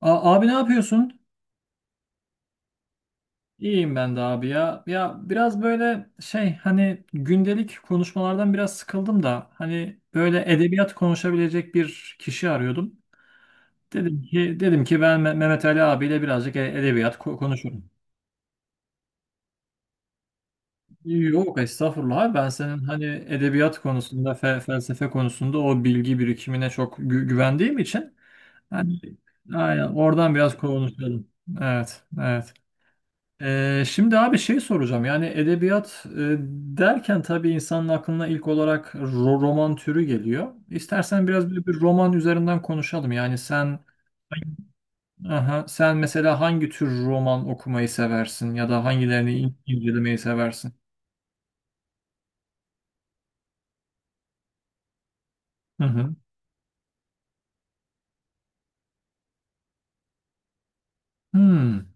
Abi ne yapıyorsun? İyiyim ben de abi ya. Ya biraz böyle şey, hani gündelik konuşmalardan biraz sıkıldım da, hani böyle edebiyat konuşabilecek bir kişi arıyordum. Dedim ki ben Mehmet Ali abiyle birazcık edebiyat konuşurum. Yok, estağfurullah abi. Ben senin hani edebiyat konusunda, felsefe konusunda o bilgi birikimine çok güvendiğim için hani, aynen, oradan biraz konuşalım. Evet, evet. Şimdi abi şey soracağım, yani edebiyat derken tabii insanın aklına ilk olarak roman türü geliyor. İstersen biraz böyle bir roman üzerinden konuşalım. Yani sen mesela hangi tür roman okumayı seversin ya da hangilerini incelemeyi seversin? Hı hı. Hmm,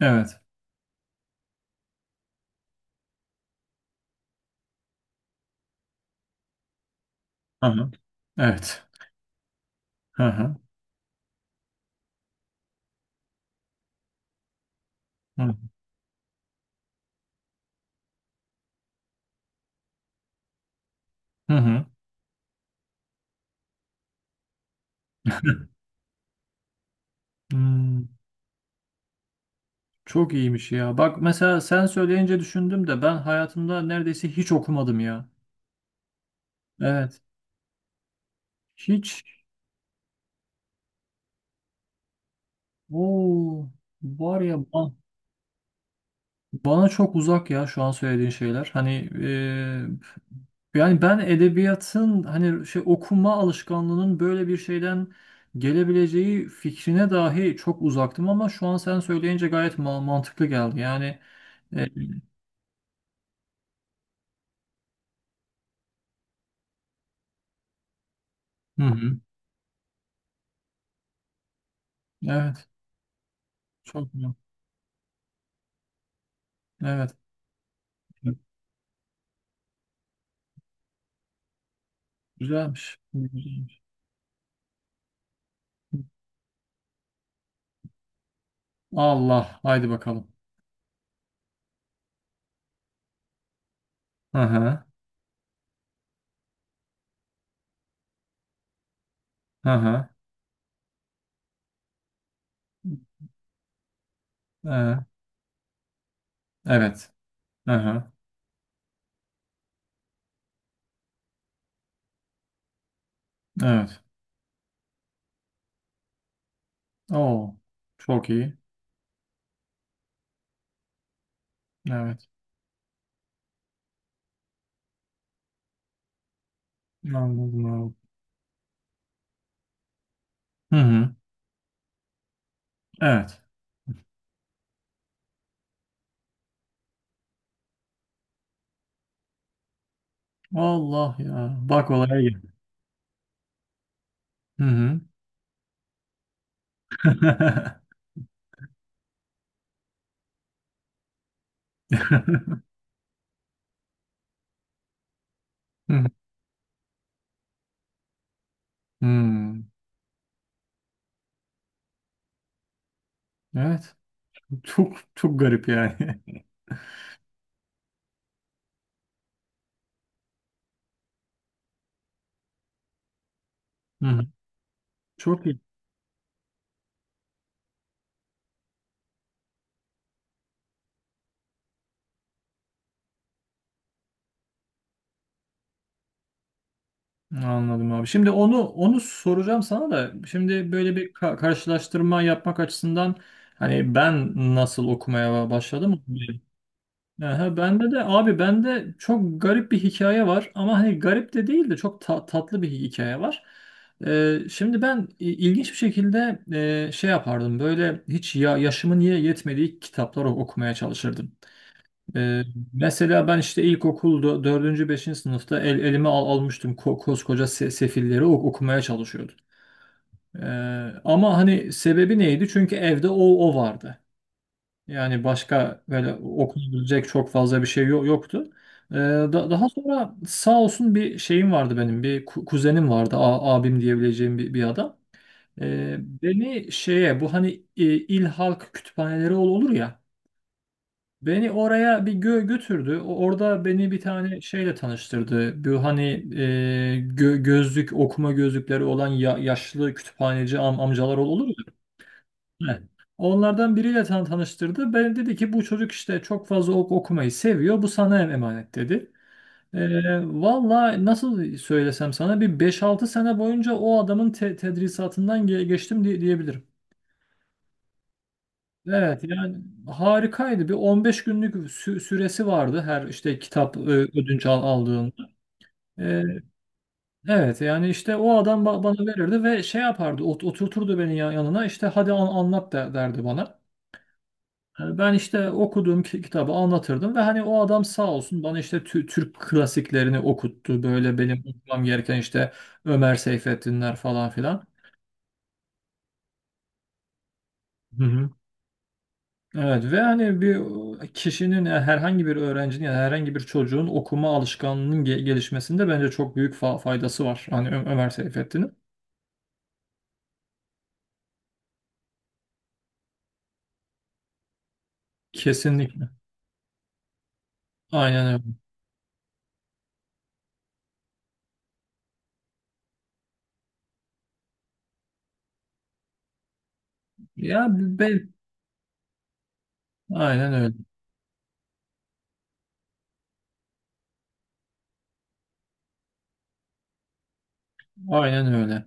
evet. Hı hı. Evet. Hı hı. Hı hı. Hı. Hmm, Çok iyiymiş ya. Bak, mesela sen söyleyince düşündüm de, ben hayatımda neredeyse hiç okumadım ya. Evet. Hiç. Oo, var ya, bana çok uzak ya şu an söylediğin şeyler. Hani, yani ben edebiyatın hani şey, okuma alışkanlığının böyle bir şeyden gelebileceği fikrine dahi çok uzaktım, ama şu an sen söyleyince gayet mantıklı geldi. Yani. e, hı hı. Evet. Çok güzel. Evet. Güzelmiş. Güzelmiş. Allah. Haydi bakalım. Hı hı. Hı hı. Ee, Evet. Hı hı. Evet. Oo. Çok iyi. Evet. Anladım abi. Hı hı. Evet. Allah ya. Bak olaya gel. Hı hı. Hı hı. Evet. Çok çok garip yani. Hı hı. Çok iyi. Anladım abi. Şimdi onu soracağım sana da, şimdi böyle bir karşılaştırma yapmak açısından, hani ben nasıl okumaya başladım. Aha, bende de abi, bende çok garip bir hikaye var, ama hani garip de değil de çok tatlı bir hikaye var. Şimdi ben ilginç bir şekilde, şey yapardım, böyle hiç ya, yaşımın yetmediği kitapları okumaya çalışırdım. Ee, Mesela ben işte ilkokulda dördüncü beşinci sınıfta, elime almıştım, koskoca Sefilleri okumaya çalışıyordum. Ee, Ama hani sebebi neydi? Çünkü evde o vardı. Yani başka böyle okunabilecek çok fazla bir şey yoktu. Daha sonra, sağ olsun, bir şeyim vardı benim. Bir kuzenim vardı, abim diyebileceğim bir adam. Beni şeye, bu hani, il halk kütüphaneleri olur ya. Beni oraya bir götürdü. Orada beni bir tane şeyle tanıştırdı. Bu hani, e, gö- gözlük okuma gözlükleri olan yaşlı kütüphaneci amcalar olur ya. Evet. Onlardan biriyle tanıştırdı. "Ben," dedi ki, "bu çocuk işte çok fazla okumayı seviyor. Bu sana emanet dedi. Valla nasıl söylesem sana, bir beş altı sene boyunca o adamın tedrisatından geçtim diyebilirim. Evet, yani harikaydı. Bir 15 günlük süresi vardı her işte kitap ödünç aldığında. Ee, evet, yani işte o adam bana verirdi ve şey yapardı, oturturdu beni yanına, işte "hadi anlat derdi bana. Ben işte okuduğum kitabı anlatırdım, ve hani o adam, sağ olsun, bana işte Türk klasiklerini okuttu. Böyle benim okumam gereken, işte Ömer Seyfettinler falan filan. Hı hı. Evet. Ve hani bir kişinin, yani herhangi bir öğrencinin ya da herhangi bir çocuğun okuma alışkanlığının gelişmesinde bence çok büyük faydası var. Hani Ömer Seyfettin'in. Kesinlikle. Aynen öyle. Ya ben, aynen öyle. Aynen öyle.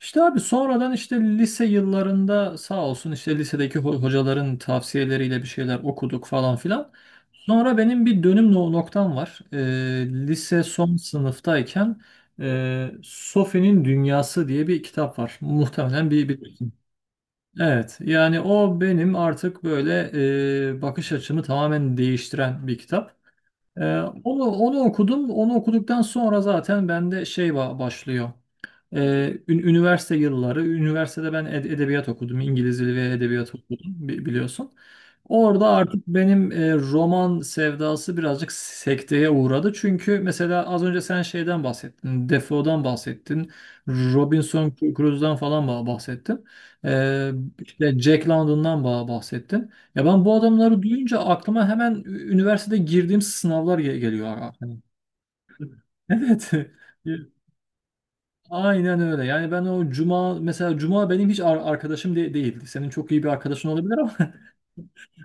İşte abi, sonradan, işte lise yıllarında, sağ olsun, işte lisedeki hocaların tavsiyeleriyle bir şeyler okuduk falan filan. Sonra benim bir dönüm noktam var. Lise son sınıftayken, Sophie'nin Dünyası diye bir kitap var. Muhtemelen bir bilirsin. Evet, yani o benim artık böyle, bakış açımı tamamen değiştiren bir kitap. Ee, onu okudum. Onu okuduktan sonra zaten bende şey başlıyor. Ee, üniversite yılları, üniversitede ben edebiyat okudum, İngiliz dili ve edebiyat okudum, biliyorsun. Orada artık benim, roman sevdası birazcık sekteye uğradı. Çünkü mesela az önce sen şeyden bahsettin, Defoe'dan bahsettin, Robinson Crusoe'dan falan bahsettin. Ee, işte Jack London'dan bahsettin. Ya ben bu adamları duyunca aklıma hemen üniversitede girdiğim sınavlar geliyor. Evet. Aynen öyle. Yani ben o Cuma, mesela Cuma benim hiç arkadaşım değil. Senin çok iyi bir arkadaşın olabilir ama,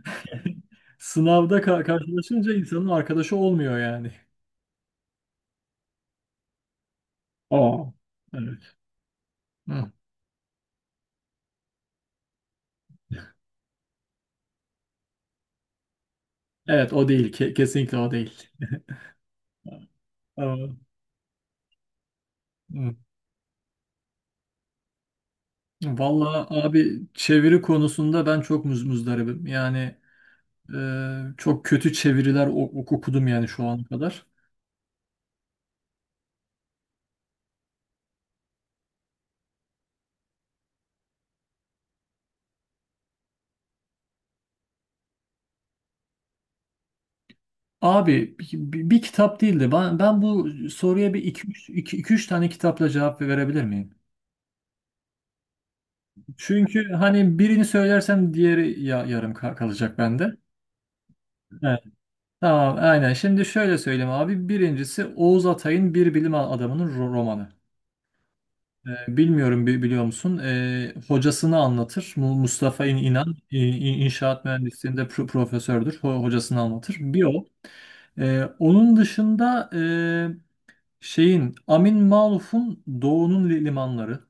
sınavda karşılaşınca insanın arkadaşı olmuyor yani. Aa. Evet. Hı. Evet o değil. Kesinlikle o değil. Aa. Hı. Vallahi abi, çeviri konusunda ben çok muzdaribim. Yani, çok kötü çeviriler okudum yani şu ana kadar. Abi, bir kitap değildi. Ben bu soruya bir iki üç tane kitapla cevap verebilir miyim? Çünkü hani birini söylersem diğeri ya, yarım kalacak bende. Evet. Tamam, aynen. Şimdi şöyle söyleyeyim abi. Birincisi Oğuz Atay'ın Bir Bilim Adamı'nın romanı. Bilmiyorum, biliyor musun? Hocasını anlatır. Mustafa İnan inşaat mühendisliğinde profesördür. Hocasını anlatır. Bir o. Onun dışında, şeyin, Amin Maluf'un Doğu'nun limanları.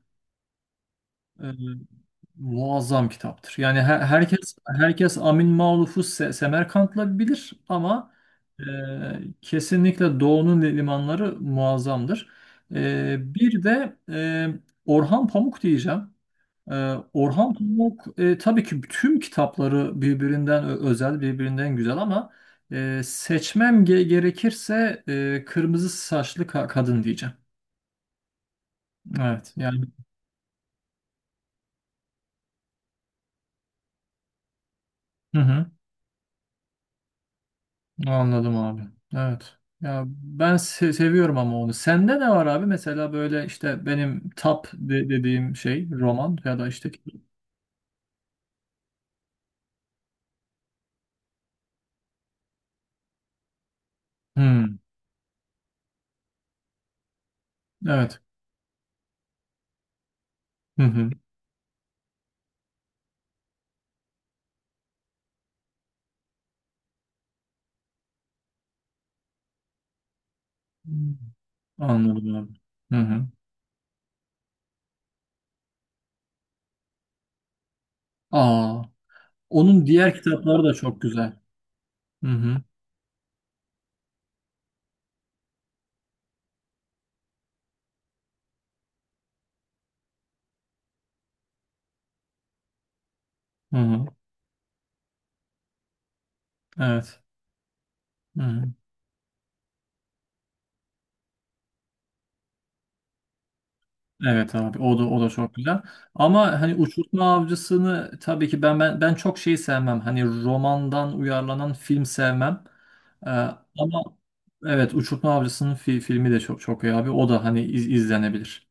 Ee, Muazzam kitaptır. Yani herkes Amin Maluf'u Semerkant'la bilir ama, e, kesinlikle Doğu'nun limanları muazzamdır. Bir de, Orhan Pamuk diyeceğim. E, Orhan Pamuk, tabii ki tüm kitapları birbirinden özel, birbirinden güzel, ama seçmem gerekirse, Kırmızı Saçlı Kadın diyeceğim. Evet yani. Hı hı. Anladım abi. Evet. Ya ben seviyorum ama onu. Sende ne var abi? Mesela böyle işte benim tap dediğim şey, roman ya da işte... Hmm, evet. Hı hı. Hmm, Anladım abi. Hı hı. Aa, onun diğer kitapları da çok güzel. Hı hı. Hı hı. Evet. Hı hı. Evet abi, o da çok güzel. Ama hani Uçurtma Avcısı'nı tabii ki ben çok şey sevmem. Hani romandan uyarlanan film sevmem. Ee, Ama evet, Uçurtma Avcısı'nın filmi de çok çok iyi abi. O da hani izlenebilir.